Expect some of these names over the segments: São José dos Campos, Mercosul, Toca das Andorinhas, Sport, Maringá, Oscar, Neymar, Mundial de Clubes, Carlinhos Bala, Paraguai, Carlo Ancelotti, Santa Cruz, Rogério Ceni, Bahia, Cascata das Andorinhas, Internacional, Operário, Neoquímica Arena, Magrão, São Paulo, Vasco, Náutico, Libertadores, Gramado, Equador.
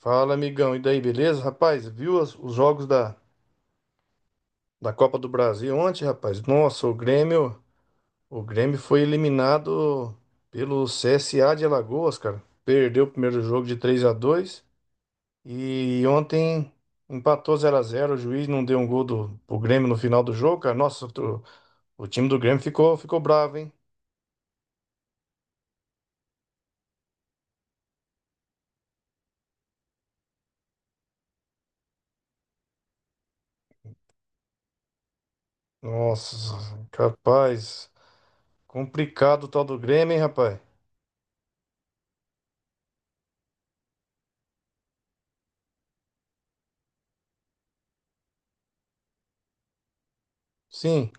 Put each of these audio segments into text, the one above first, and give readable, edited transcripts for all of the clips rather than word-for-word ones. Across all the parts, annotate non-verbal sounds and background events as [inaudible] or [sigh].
Fala, amigão. E daí, beleza? Rapaz, os jogos da Copa do Brasil ontem, rapaz? Nossa, o Grêmio foi eliminado pelo CSA de Alagoas, cara. Perdeu o primeiro jogo de 3 a 2 e ontem empatou 0 a 0, o juiz não deu um gol do pro Grêmio no final do jogo, cara. Nossa, o time do Grêmio ficou bravo, hein? Nossa, capaz. Complicado o tal do Grêmio, hein, rapaz? Sim.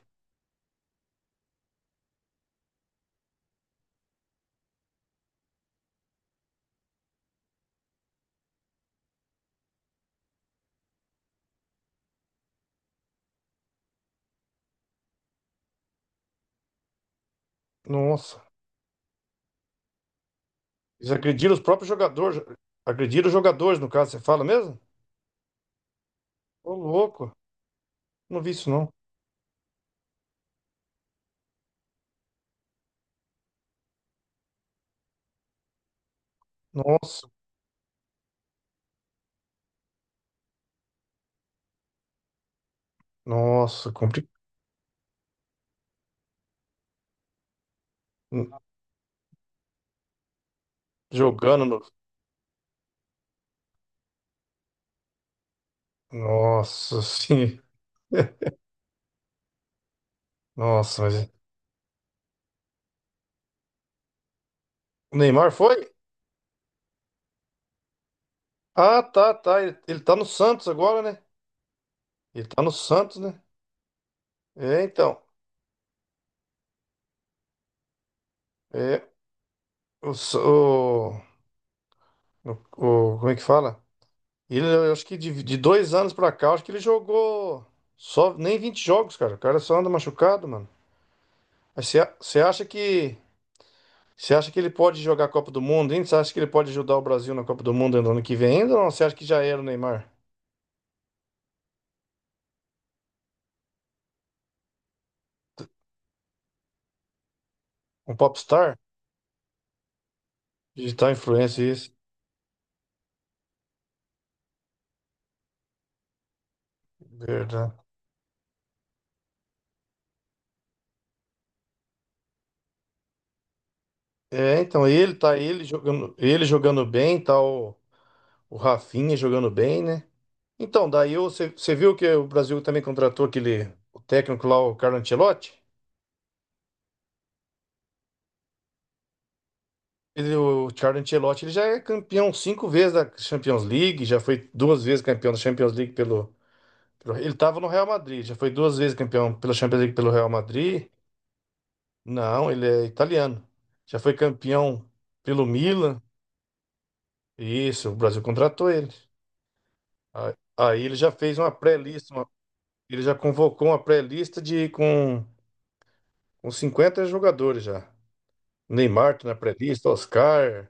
Nossa. Eles agrediram os próprios jogadores. Agrediram os jogadores, no caso, você fala mesmo? Ô, louco. Não vi isso, não. Nossa, nossa, complicado. Jogando no. Nossa, sim. [laughs] Nossa, mas. O Neymar foi? Ah, tá, tá. Ele tá no Santos agora, né? Ele tá no Santos, né? É, então. É. O, S- o- o- como é que fala? Ele, eu acho que de 2 anos pra cá, eu acho que ele jogou só nem 20 jogos, cara. O cara só anda machucado, mano. Mas você acha que você acha que ele pode jogar a Copa do Mundo ainda? Você acha que ele pode ajudar o Brasil na Copa do Mundo no ano que vem ainda? Ou não? Você acha que já era o Neymar? Um popstar? Digital influencer, isso. Verdade. É, então ele jogando bem, tá o Rafinha jogando bem, né? Então, você viu que o Brasil também contratou aquele o técnico lá, o Carlo Ancelotti? Ele, o Carlo Ancelotti, ele já é campeão cinco vezes da Champions League, já foi duas vezes campeão da Champions League pelo… Ele estava no Real Madrid, já foi duas vezes campeão pela Champions League pelo Real Madrid. Não, ele é italiano. Já foi campeão pelo Milan. Isso, o Brasil contratou ele. Aí ele já fez uma pré-lista, ele já convocou uma pré-lista com 50 jogadores já. Neymar tá na pré-lista, Oscar.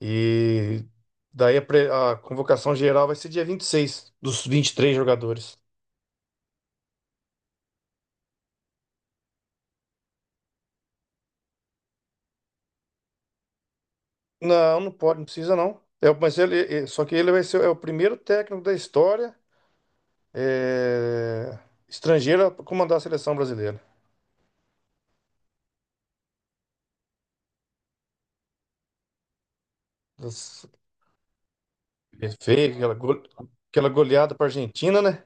E daí a convocação geral vai ser dia 26 dos 23 jogadores. Não, não pode, não precisa não. É, mas só que ele vai ser o primeiro técnico da história, é, estrangeiro, a comandar a seleção brasileira. Das- Ele fez aquela, aquela goleada para Argentina, né?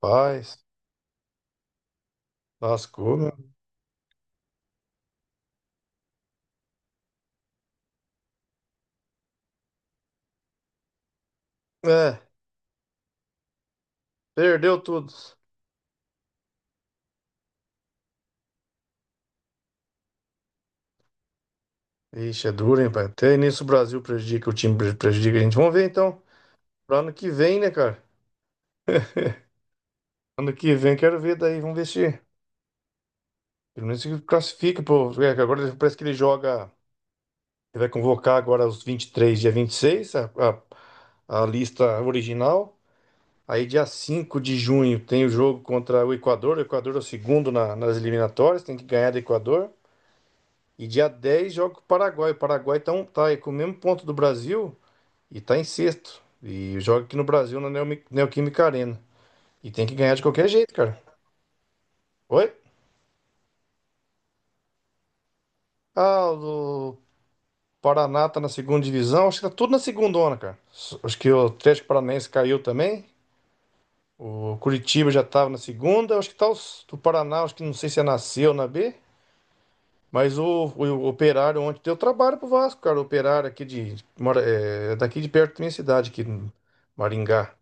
Paz, lascou, né? É, perdeu tudo. Ixi, é duro, hein, pai? Até nisso o Brasil prejudica, prejudica a gente. Vamos ver então, para ano que vem, né, cara? Ano que vem quero ver daí, vamos ver se pelo menos se classifica, pô. É, que agora parece que ele joga. Ele vai convocar agora os 23, dia 26, a lista original. Aí, dia 5 de junho, tem o jogo contra o Equador. O Equador é o segundo nas eliminatórias, tem que ganhar do Equador. E dia 10 joga com o Paraguai. O Paraguai tá, tá aí com o mesmo ponto do Brasil e tá em sexto. E joga aqui no Brasil, na Neoquímica Arena. E tem que ganhar de qualquer jeito, cara. Oi? Ah, o Paraná tá na segunda divisão. Acho que tá tudo na segundona, cara. Acho que o Atlético Paranaense caiu também. O Curitiba já estava na segunda. Acho que tá os, do Paraná, acho que não sei se é nasceu na B. Mas Operário ontem deu trabalho pro Vasco, cara. O Operário aqui de… é daqui de perto da minha cidade, aqui em Maringá.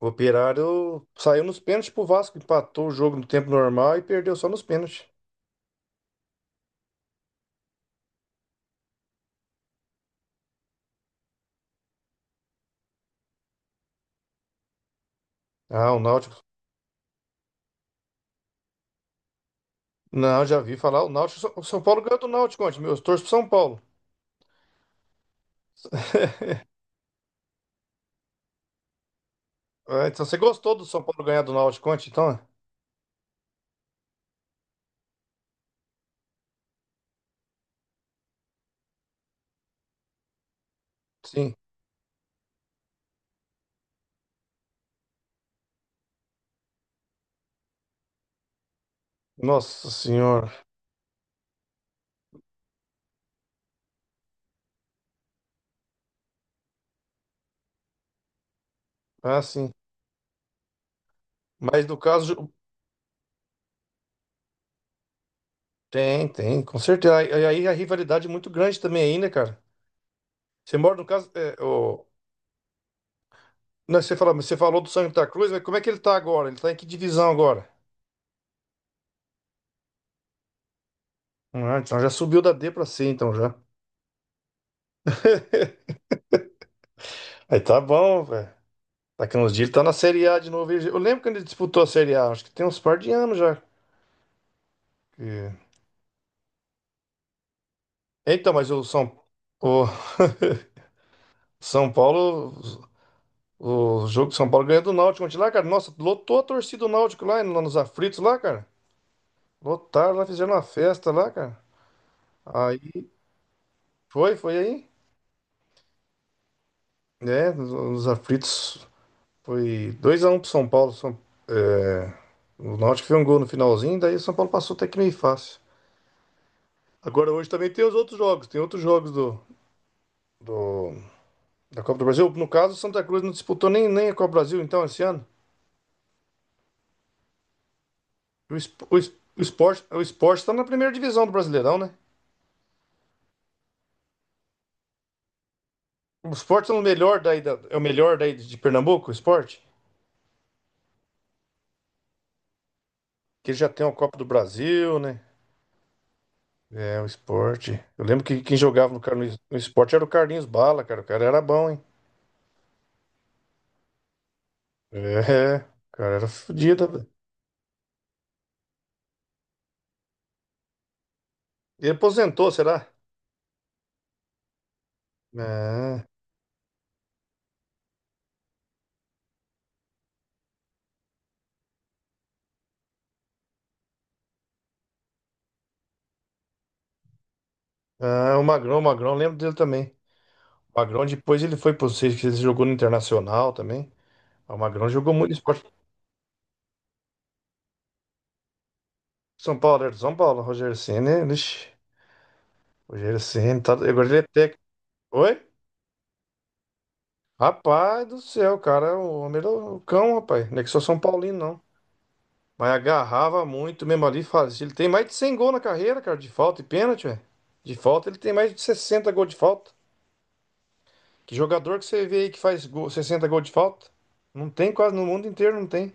O Operário saiu nos pênaltis pro Vasco, empatou o jogo no tempo normal e perdeu só nos pênaltis. Ah, o Náutico. Não, já vi falar. O Náutico. O São Paulo ganhou do Náutico ontem, meu. Eu torço pro São Paulo. Ah, então você gostou do São Paulo ganhar do Náutico ontem, então? Sim. Nossa senhora. Ah, sim. Mas no caso… Tem, tem, com certeza. E aí a rivalidade é muito grande também aí, né, cara? Você mora no caso, é, o… Não, você falou do Santa Cruz, mas como é que ele tá agora? Ele tá em que divisão agora? Ah, então já subiu da D pra C, então já. Aí tá bom, velho. Daqui uns dias ele tá na Série A de novo. Eu lembro quando ele disputou a Série A, acho que tem uns par de anos já. Que- Então, mas o São Paulo. O jogo de São Paulo ganhou do Náutico ontem lá, cara. Nossa, lotou a torcida do Náutico lá, lá nos aflitos lá, cara. Lotaram lá, fizeram uma festa lá, cara. Aí foi aí, né? Nos aflitos foi 2x1 pro São Paulo. É, o Náutico fez um gol no finalzinho, daí o São Paulo passou até que meio fácil. Agora hoje também tem os outros jogos, tem outros jogos do- da Copa do Brasil. No caso, o Santa Cruz não disputou nem a Copa do Brasil então esse ano. O Sport está na primeira divisão do Brasileirão, né? O Sport é o melhor é o melhor daí de Pernambuco, o Sport, que ele já tem a Copa do Brasil, né? É, o esporte. Eu lembro que quem jogava no esporte era o Carlinhos Bala, cara. O cara era bom, hein? É, o cara era fodido, velho. Ele aposentou, será? Ah, ah, o Magrão, eu lembro dele também. O Magrão depois ele foi pro Seis, que ele jogou no Internacional também. Ah, o Magrão jogou muito esporte. São Paulo, era de São Paulo. Rogério Ceni, lixi. Rogério Ceni, tá… agora ele é técnico. Oi? Rapaz do céu, cara, o homem era o cão, rapaz. Não é que sou São Paulino, não. Mas agarrava muito mesmo ali, fazia. Ele tem mais de 100 gols na carreira, cara, de falta e pênalti, velho. De falta, ele tem mais de 60 gols de falta. Que jogador que você vê aí que faz gol, 60 gols de falta? Não tem quase no mundo inteiro, não tem.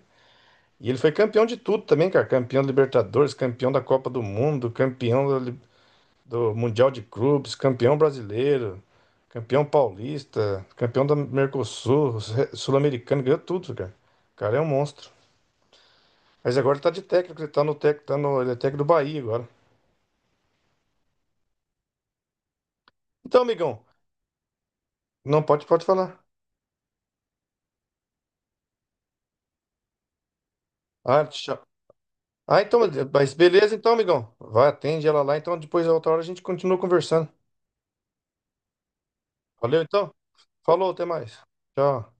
E ele foi campeão de tudo também, cara. Campeão da Libertadores, campeão da Copa do Mundo, campeão da Li- do, Mundial de Clubes, campeão brasileiro, campeão paulista, campeão da Mercosul, sul-americano, ganhou tudo, cara. O cara é um monstro. Mas agora ele tá de técnico, ele tá no técnico, tá no, ele é técnico do Bahia agora. Então, amigão, não pode, pode falar. Ah, tchau. Ah, então, mas beleza, então, amigão. Vai, atende ela lá. Então, depois, outra hora, a gente continua conversando. Valeu, então. Falou, até mais. Tchau.